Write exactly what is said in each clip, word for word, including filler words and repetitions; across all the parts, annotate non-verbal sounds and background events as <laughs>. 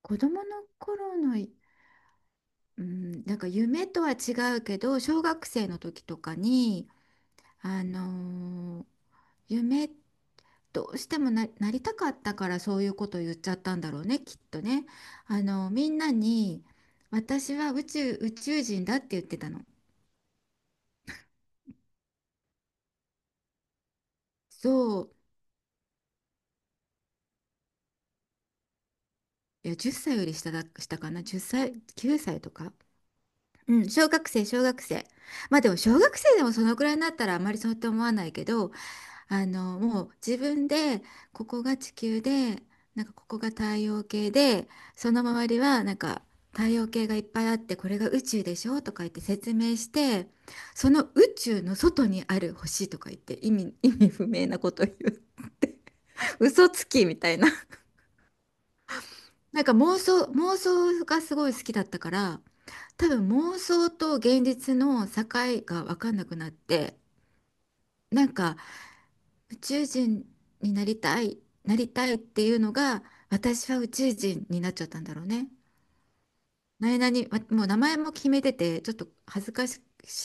子供の頃のい、うん、なんか夢とは違うけど、小学生の時とかに、あのー夢どうしてもな、なりたかったからそういうことを言っちゃったんだろうね、きっとね。あの、みんなに、私は宇宙、宇宙人だって言ってたの。そう、いや、じゅっさいより下だ、下かな、じゅっさい、きゅうさいとか。うん、小学生、小学生。まあでも小学生でもそのくらいになったらあまりそうって思わないけど、あのもう自分でここが地球で、なんかここが太陽系で、その周りはなんか太陽系がいっぱいあって、これが宇宙でしょとか言って説明して、その宇宙の外にある星とか言って意味、<laughs> 意味不明なこと言って、 <laughs> 嘘つきみたいな。 <laughs> なんか妄想妄想がすごい好きだったから、多分妄想と現実の境が分かんなくなって、なんか宇宙人になりたい、なりたいっていうのが、私は宇宙人になっちゃったんだろうね。何々、まもう名前も決めてて、ちょっと恥ずかし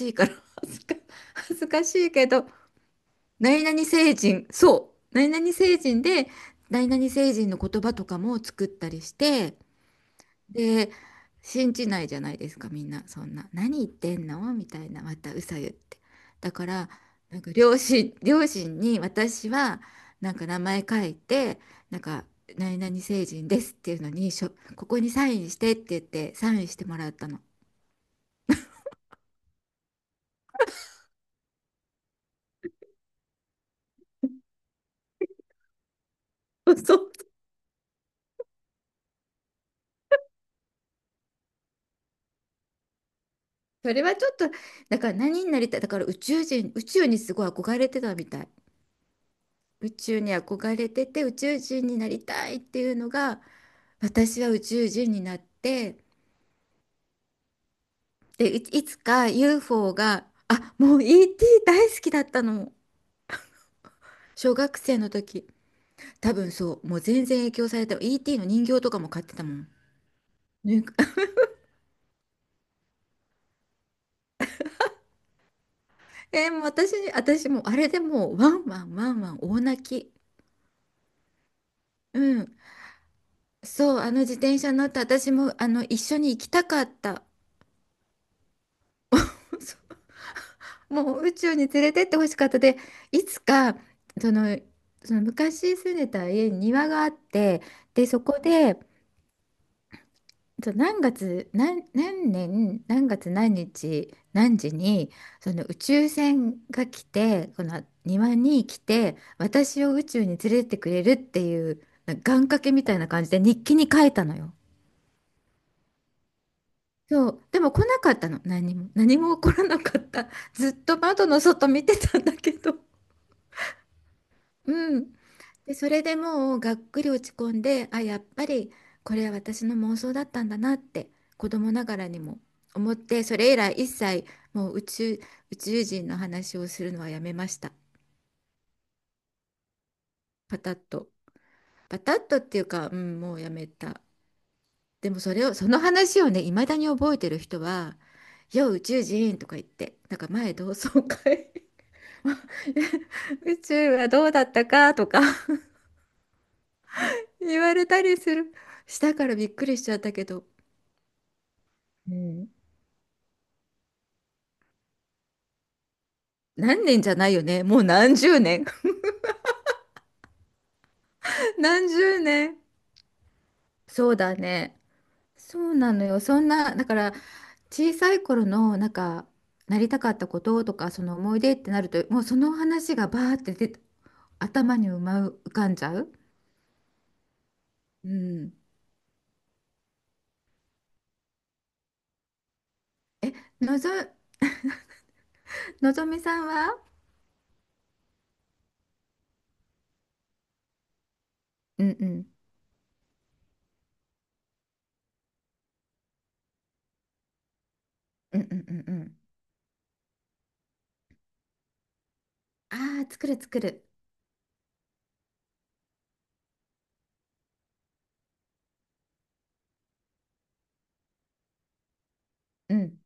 いから、<laughs> 恥ずか、恥ずかしいけど、何々星人、そう、何々星人で、何々星人の言葉とかも作ったりして、で、信じないじゃないですか、みんな。そんな、何言ってんのみたいな、また嘘言って。だから、なんか両親、両親に私は、なんか名前書いて、なんか、何々成人ですっていうのに、しょ、ここにサインしてって言って、サインしてもらったの。そう、それはちょっと、だから何になりたい、だから宇宙人、宇宙にすごい憧れてたみたい。宇宙に憧れてて、宇宙人になりたいっていうのが、私は宇宙人になって、で、いいつか ユーフォー が、あ、もう イーティー 大好きだったの。小学生の時。多分そう、もう全然影響された。イーティー の人形とかも買ってたもん。ぬ <laughs> えもう私に、私もうあれでもうワンワンワンワン大泣き。うん。そう、あの自転車乗って私もあの一緒に行きたかった。<laughs> そうもう宇宙に連れてってほしかった。で、いつかその、その昔住んでた家に庭があって、で、そこでそう、何月何、何年何月何日何時にその宇宙船が来てこの庭に来て私を宇宙に連れてってくれるっていうなんか願掛けみたいな感じで日記に書いたのよ。そうでも来なかったの、何も何も起こらなかった。ずっと窓の外見てたんだけど。うん。で、それでもうがっくり落ち込んで、あ、やっぱりこれは私の妄想だったんだなって子供ながらにも思って、それ以来一切もう宇宙、宇宙人の話をするのはやめました。パタッと。パタッとっていうか、うん、もうやめた。でもそれを、その話をね、いまだに覚えてる人は、よう宇宙人とか言って、なんか前同窓会、 <laughs> 宇宙はどうだったかとか言われたりする。したからびっくりしちゃったけど。うん、何年じゃないよね。もう何十年。<laughs> 何十年。そうだね。そうなのよ。そんな、だから小さい頃のなんかなりたかったこととかその思い出ってなると、もうその話がバーって出て頭にうまう浮かんじゃう。うん。のぞ、のぞみさんは？うんうん。うんうんうんうん。ああ、作る作る。うん。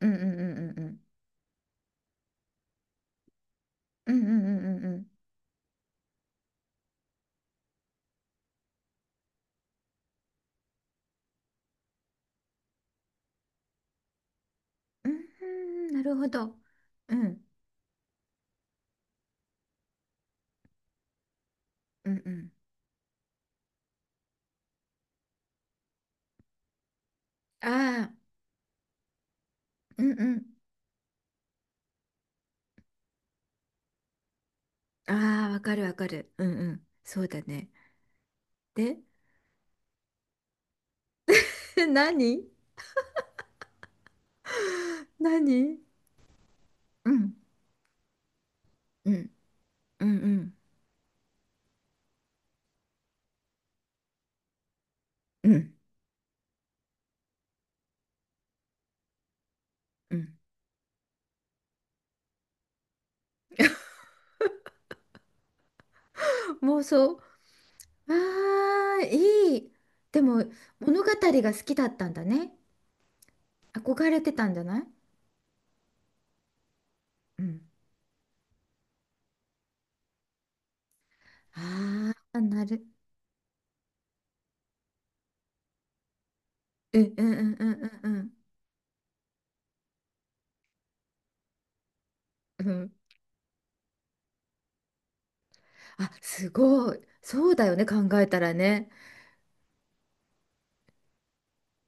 うんうんうんうんうん。うんうんうんうんうん。うん、なるほど。うん。うんうん。ああ。うんうん。ああ、わかるわかる。うんうん。そうだね。で、<laughs> 何何、うん。うん。うんうんうん。うん、妄想。ああ、いい。でも、物語が好きだったんだね。憧れてたんじゃない？うん。ああ、なる。うんうんうんうんうんうん。うん。あ、すごい。そうだよね、考えたらね。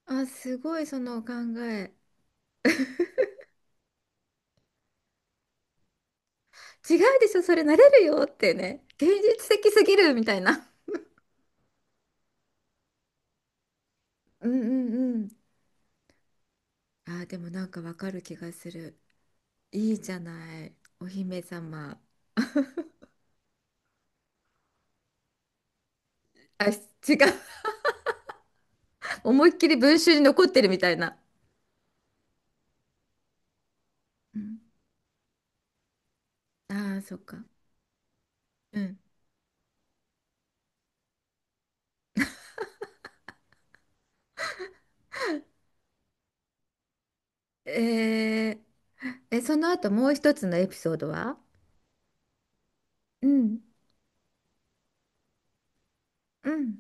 あ、すごい、その考え。<laughs> 違うでしょ、それなれるよってね。現実的すぎるみたいな。うんうんうん。あー、でもなんかわかる気がする。いいじゃない。お姫様。<laughs> あ、違う。思いっきり文集に残ってるみたいな。うん。ああ、そっか。うん。えー、え、その後もう一つのエピソードは？うん。うん。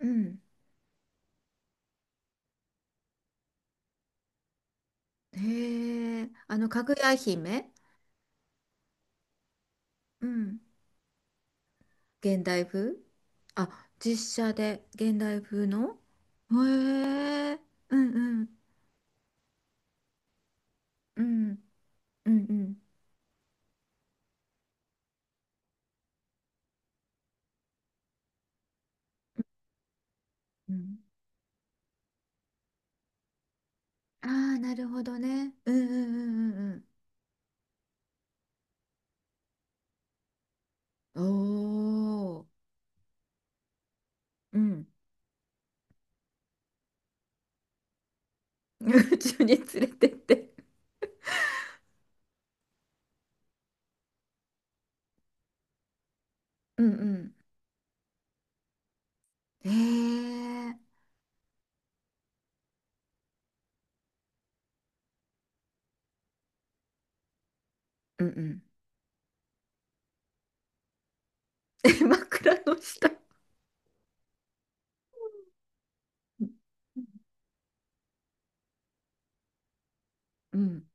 うん。へえ、あの、かぐや姫？うん。現代風、あ、実写で現代風の？へえ、うんうん。うん。うんうん。うん。ああ、なるほどね。うんうんうんうんうん。おお。うん。<laughs> 宇宙に連れてって。うんうん。へえ。うんうん。<laughs> え、枕の下。うんうん。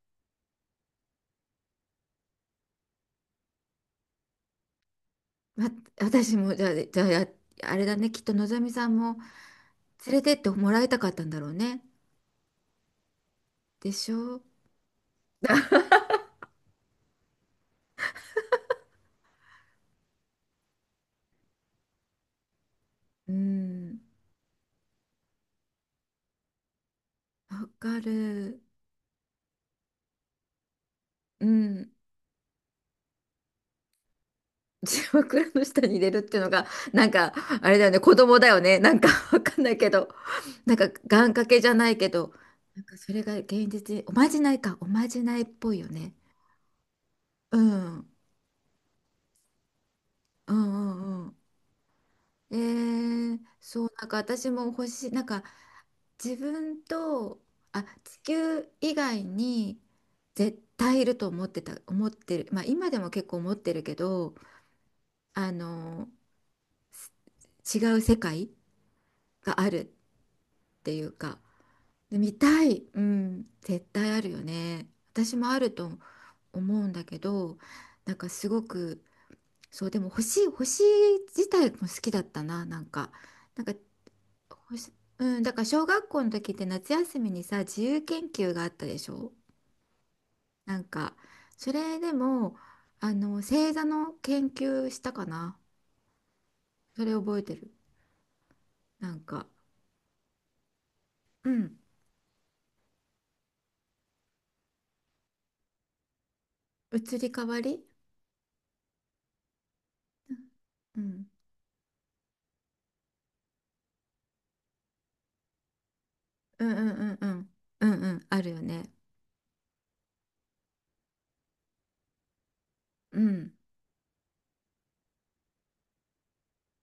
ま、私もじゃあ、じゃあ、やあれだね。きっとのぞみさんも連れてってもらいたかったんだろうね。でしょう。<laughs> うん。わかる。うん。<laughs> じゃあ枕の下に入れるっていうのが、なんか、あれだよね。子供だよね。なんかわかんないけど。なんか願掛けじゃないけど、なんかそれが現実に、おまじないか、おまじないっぽいよね。うん、うんうんうん。えー、そう、なんか私も欲しい、なんか自分と、あ、地球以外に絶対いると思ってた、思ってる、まあ今でも結構思ってるけど、あの、す違う世界があるっていうか、見たい。うん。絶対あるよね。私もあると思うんだけど、なんかすごく、そう、でも星、星自体も好きだったな、なんか。なんか、星、うん、だから小学校の時って夏休みにさ、自由研究があったでしょ？なんか、それでも、あの、星座の研究したかな。それ覚えてる。なんか、うん。移り変わり。うん。うんうんうんうん。うんうん。あるよね。うん。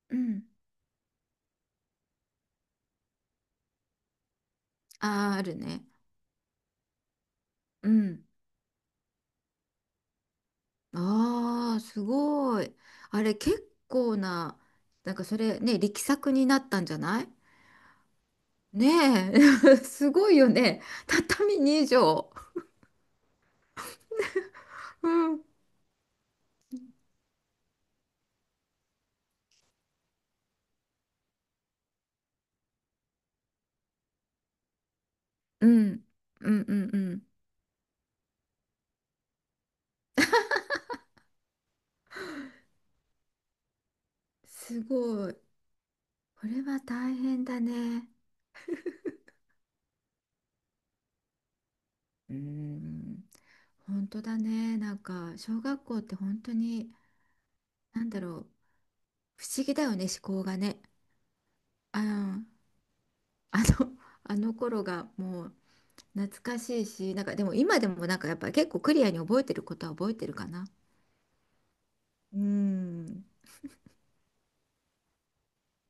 うん。あー、あるね。うん。ああ、すごい。あれ、結構な、なんかそれね、力作になったんじゃない？ねえ、<laughs> すごいよね。<laughs> 畳にじょう畳。<laughs> うん。うん。うんうんうん。すごい。これは大変だね。うーん。本当だね。なんか、小学校って本当に、なんだろう。不思議だよね、思考がね。あの、あの、<laughs> あの頃がもう、懐かしいし、なんかでも今でもなんかやっぱり結構クリアに覚えてることは覚えてるかな。うん。